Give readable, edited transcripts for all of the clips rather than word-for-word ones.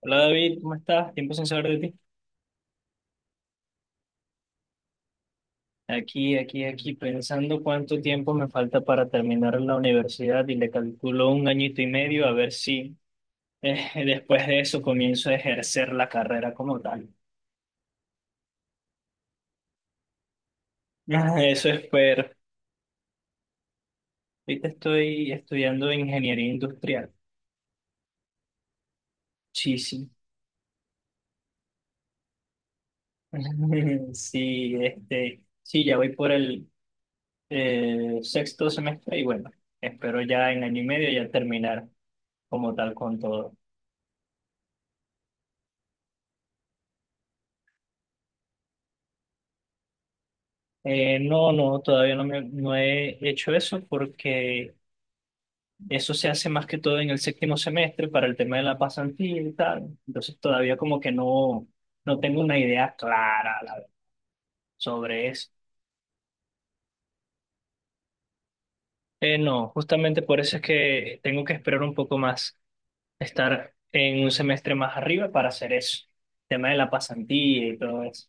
Hola David, ¿cómo estás? Tiempo sin saber de ti. Aquí, pensando cuánto tiempo me falta para terminar la universidad y le calculo un añito y medio, a ver si después de eso comienzo a ejercer la carrera como tal. Ah, eso espero. Ahorita estoy estudiando ingeniería industrial. Sí, sí. Sí, este, sí, ya voy por el sexto semestre y bueno, espero ya en año y medio ya terminar como tal con todo. No, no, todavía no, no he hecho eso porque eso se hace más que todo en el séptimo semestre para el tema de la pasantía y tal. Entonces todavía como que no, no tengo una idea clara, la verdad, sobre eso. No, justamente por eso es que tengo que esperar un poco más, estar en un semestre más arriba para hacer eso. El tema de la pasantía y todo eso.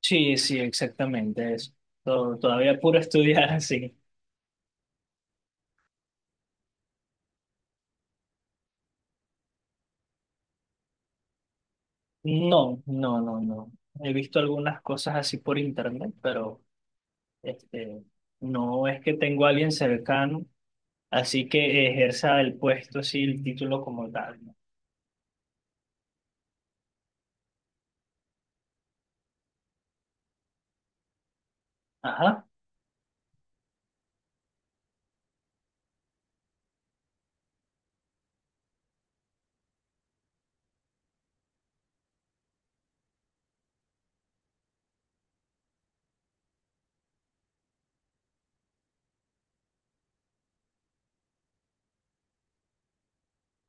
Sí, sí, exactamente eso. Todavía puro estudiar así. No, no, no, no. He visto algunas cosas así por internet, pero este, no es que tengo a alguien cercano así que ejerza el puesto, así el título como tal, ¿no? Ajá.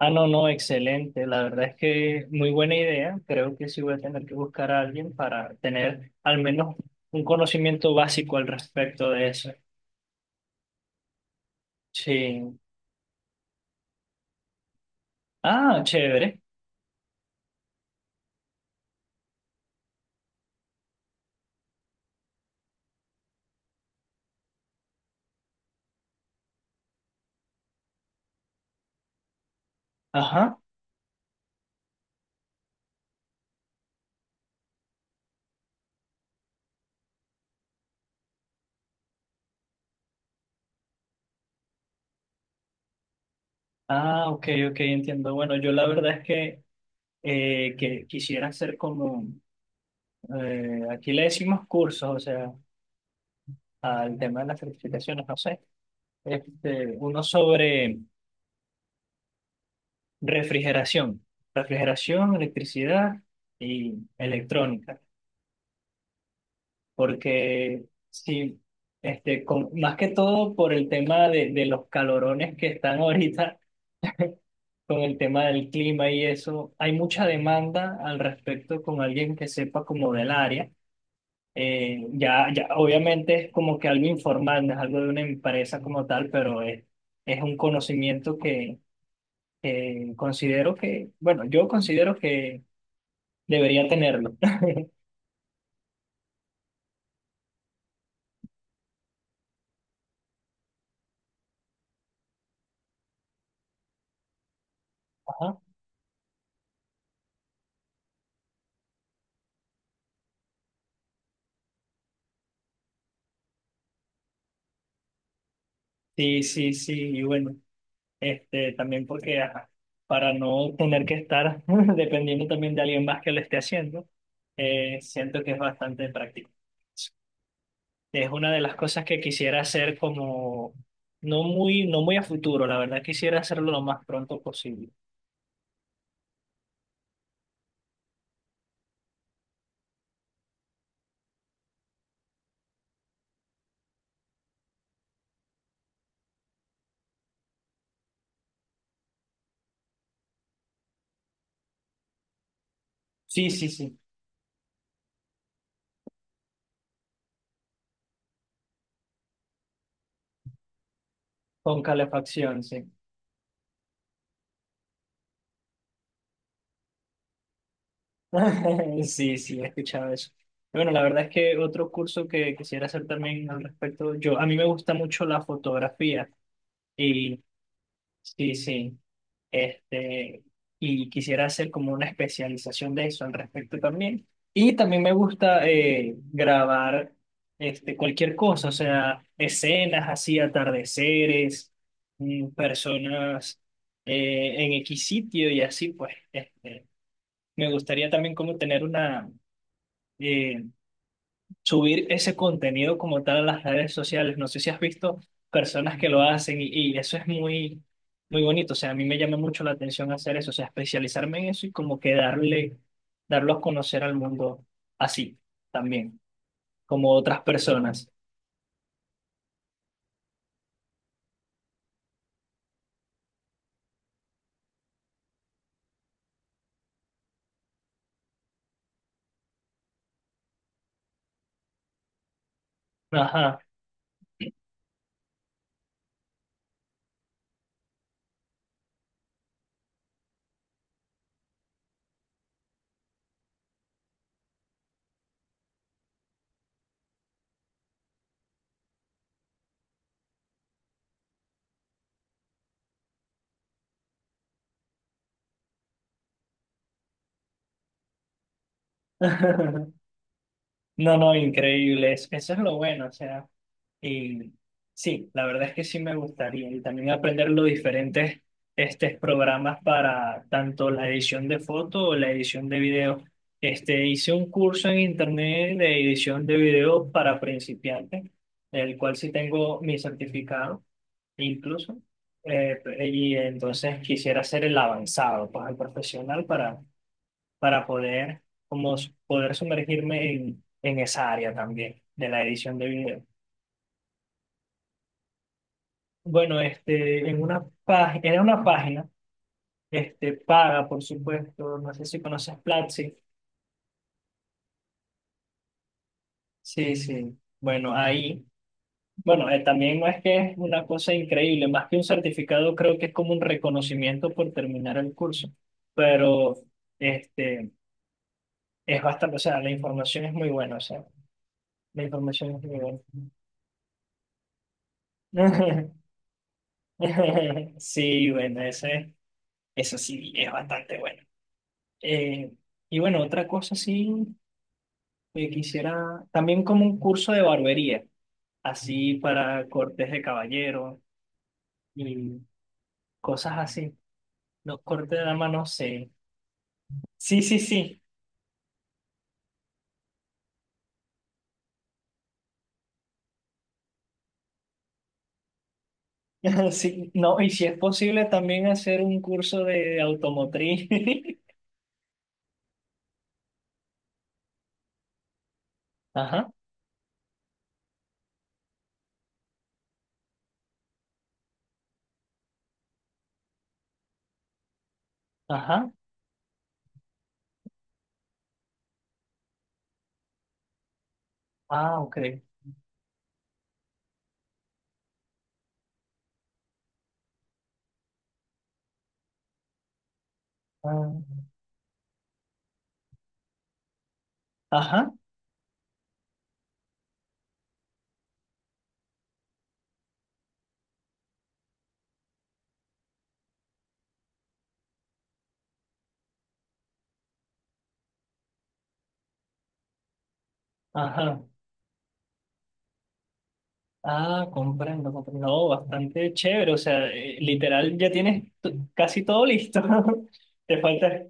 Ah, no, no, excelente. La verdad es que muy buena idea. Creo que sí voy a tener que buscar a alguien para tener al menos un conocimiento básico al respecto de eso. Sí. Ah, chévere. Ajá. Ah, ok, ok, entiendo. Bueno, yo la verdad es que quisieran hacer como, aquí le decimos cursos, o sea, al tema de las certificaciones, no sé, este, uno sobre refrigeración, refrigeración, electricidad y electrónica, porque sí, este, más que todo por el tema de los calorones que están ahorita, con el tema del clima y eso, hay mucha demanda al respecto con alguien que sepa como del área. Ya, ya, obviamente es como que algo informal, no es algo de una empresa como tal, pero es un conocimiento que considero que, bueno, yo considero que debería tenerlo. Ajá. Sí, sí, sí, y bueno, este, también porque ajá, para no tener que estar dependiendo también de alguien más que lo esté haciendo, siento que es bastante práctico. Es una de las cosas que quisiera hacer como no muy, no muy a futuro, la verdad quisiera hacerlo lo más pronto posible. Sí, sí, sí, con calefacción, sí. Sí, sí, he escuchado eso. Y bueno, la verdad es que otro curso que quisiera hacer también al respecto, yo, a mí me gusta mucho la fotografía y sí, sí. Este, y quisiera hacer como una especialización de eso al respecto también. Y también me gusta grabar este, cualquier cosa, o sea, escenas así, atardeceres, mm, personas en X sitio y así, pues. Este, me gustaría también como tener una, eh, subir ese contenido como tal a las redes sociales. No sé si has visto personas que lo hacen y eso es muy, muy bonito. O sea, a mí me llama mucho la atención hacer eso, o sea, especializarme en eso y como que darle, darlo a conocer al mundo así también, como otras personas. Ajá. No, no, increíble. Eso es lo bueno, o sea. Y sí, la verdad es que sí me gustaría, y también aprender los diferentes este, programas para tanto la edición de foto o la edición de video. Este, hice un curso en internet de edición de video para principiantes, el cual sí tengo mi certificado incluso. Eh, y entonces quisiera hacer el avanzado, pues el profesional para poder, como, poder sumergirme en esa área también de la edición de video. Bueno, este, en una página, era una página, este, paga, por supuesto, no sé si conoces Platzi. Sí, sí. Bueno, ahí, bueno, también no es que es una cosa increíble, más que un certificado, creo que es como un reconocimiento por terminar el curso, pero este, es bastante, o sea, la información es muy buena, o sea, la información es muy buena. Sí, bueno, ese, eso sí, es bastante bueno. Eh, y bueno, otra cosa sí. Quisiera también como un curso de barbería, así para cortes de caballero y cosas así. Los cortes de dama, no sé. Sí, sí, sí. Sí, no, y si es posible también hacer un curso de automotriz. Ajá, ajá. Ah, ok. Ah, ajá, ajá. Ah, comprendo, comprendo. No, bastante chévere. O sea, literal, ya tienes casi todo listo. Te falta.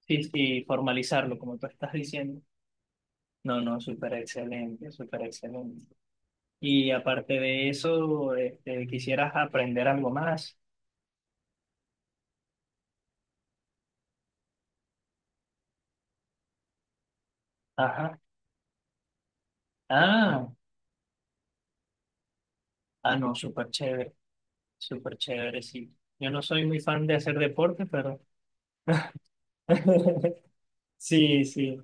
Sí, y formalizarlo, como tú estás diciendo. No, no, súper excelente, súper excelente. Y aparte de eso, este, quisieras aprender algo más. Ajá. Ah, ah, no, súper chévere, sí. Yo no soy muy fan de hacer deporte, pero... Sí, sí.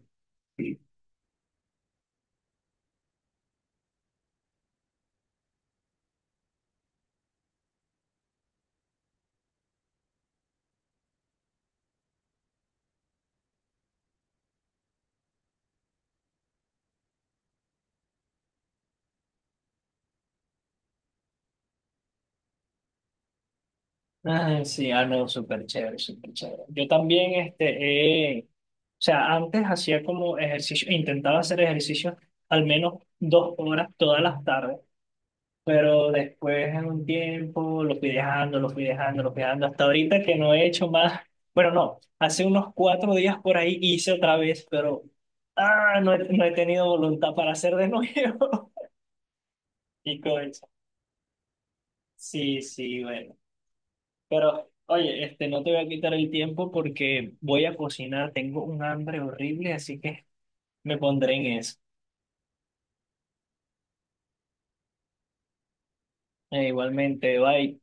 Ah, sí, ah, no, súper chévere, súper chévere. Yo también, este, o sea, antes hacía como ejercicio, intentaba hacer ejercicio al menos 2 horas todas las tardes. Pero después en un tiempo lo fui dejando, lo fui dejando, lo fui dejando, hasta ahorita que no he hecho más. Bueno, no, hace unos 4 días por ahí hice otra vez, pero no he, no he tenido voluntad para hacer de nuevo. Y cosa. Sí, sí, bueno. Pero, oye, este, no te voy a quitar el tiempo porque voy a cocinar, tengo un hambre horrible, así que me pondré en eso. Igualmente, bye.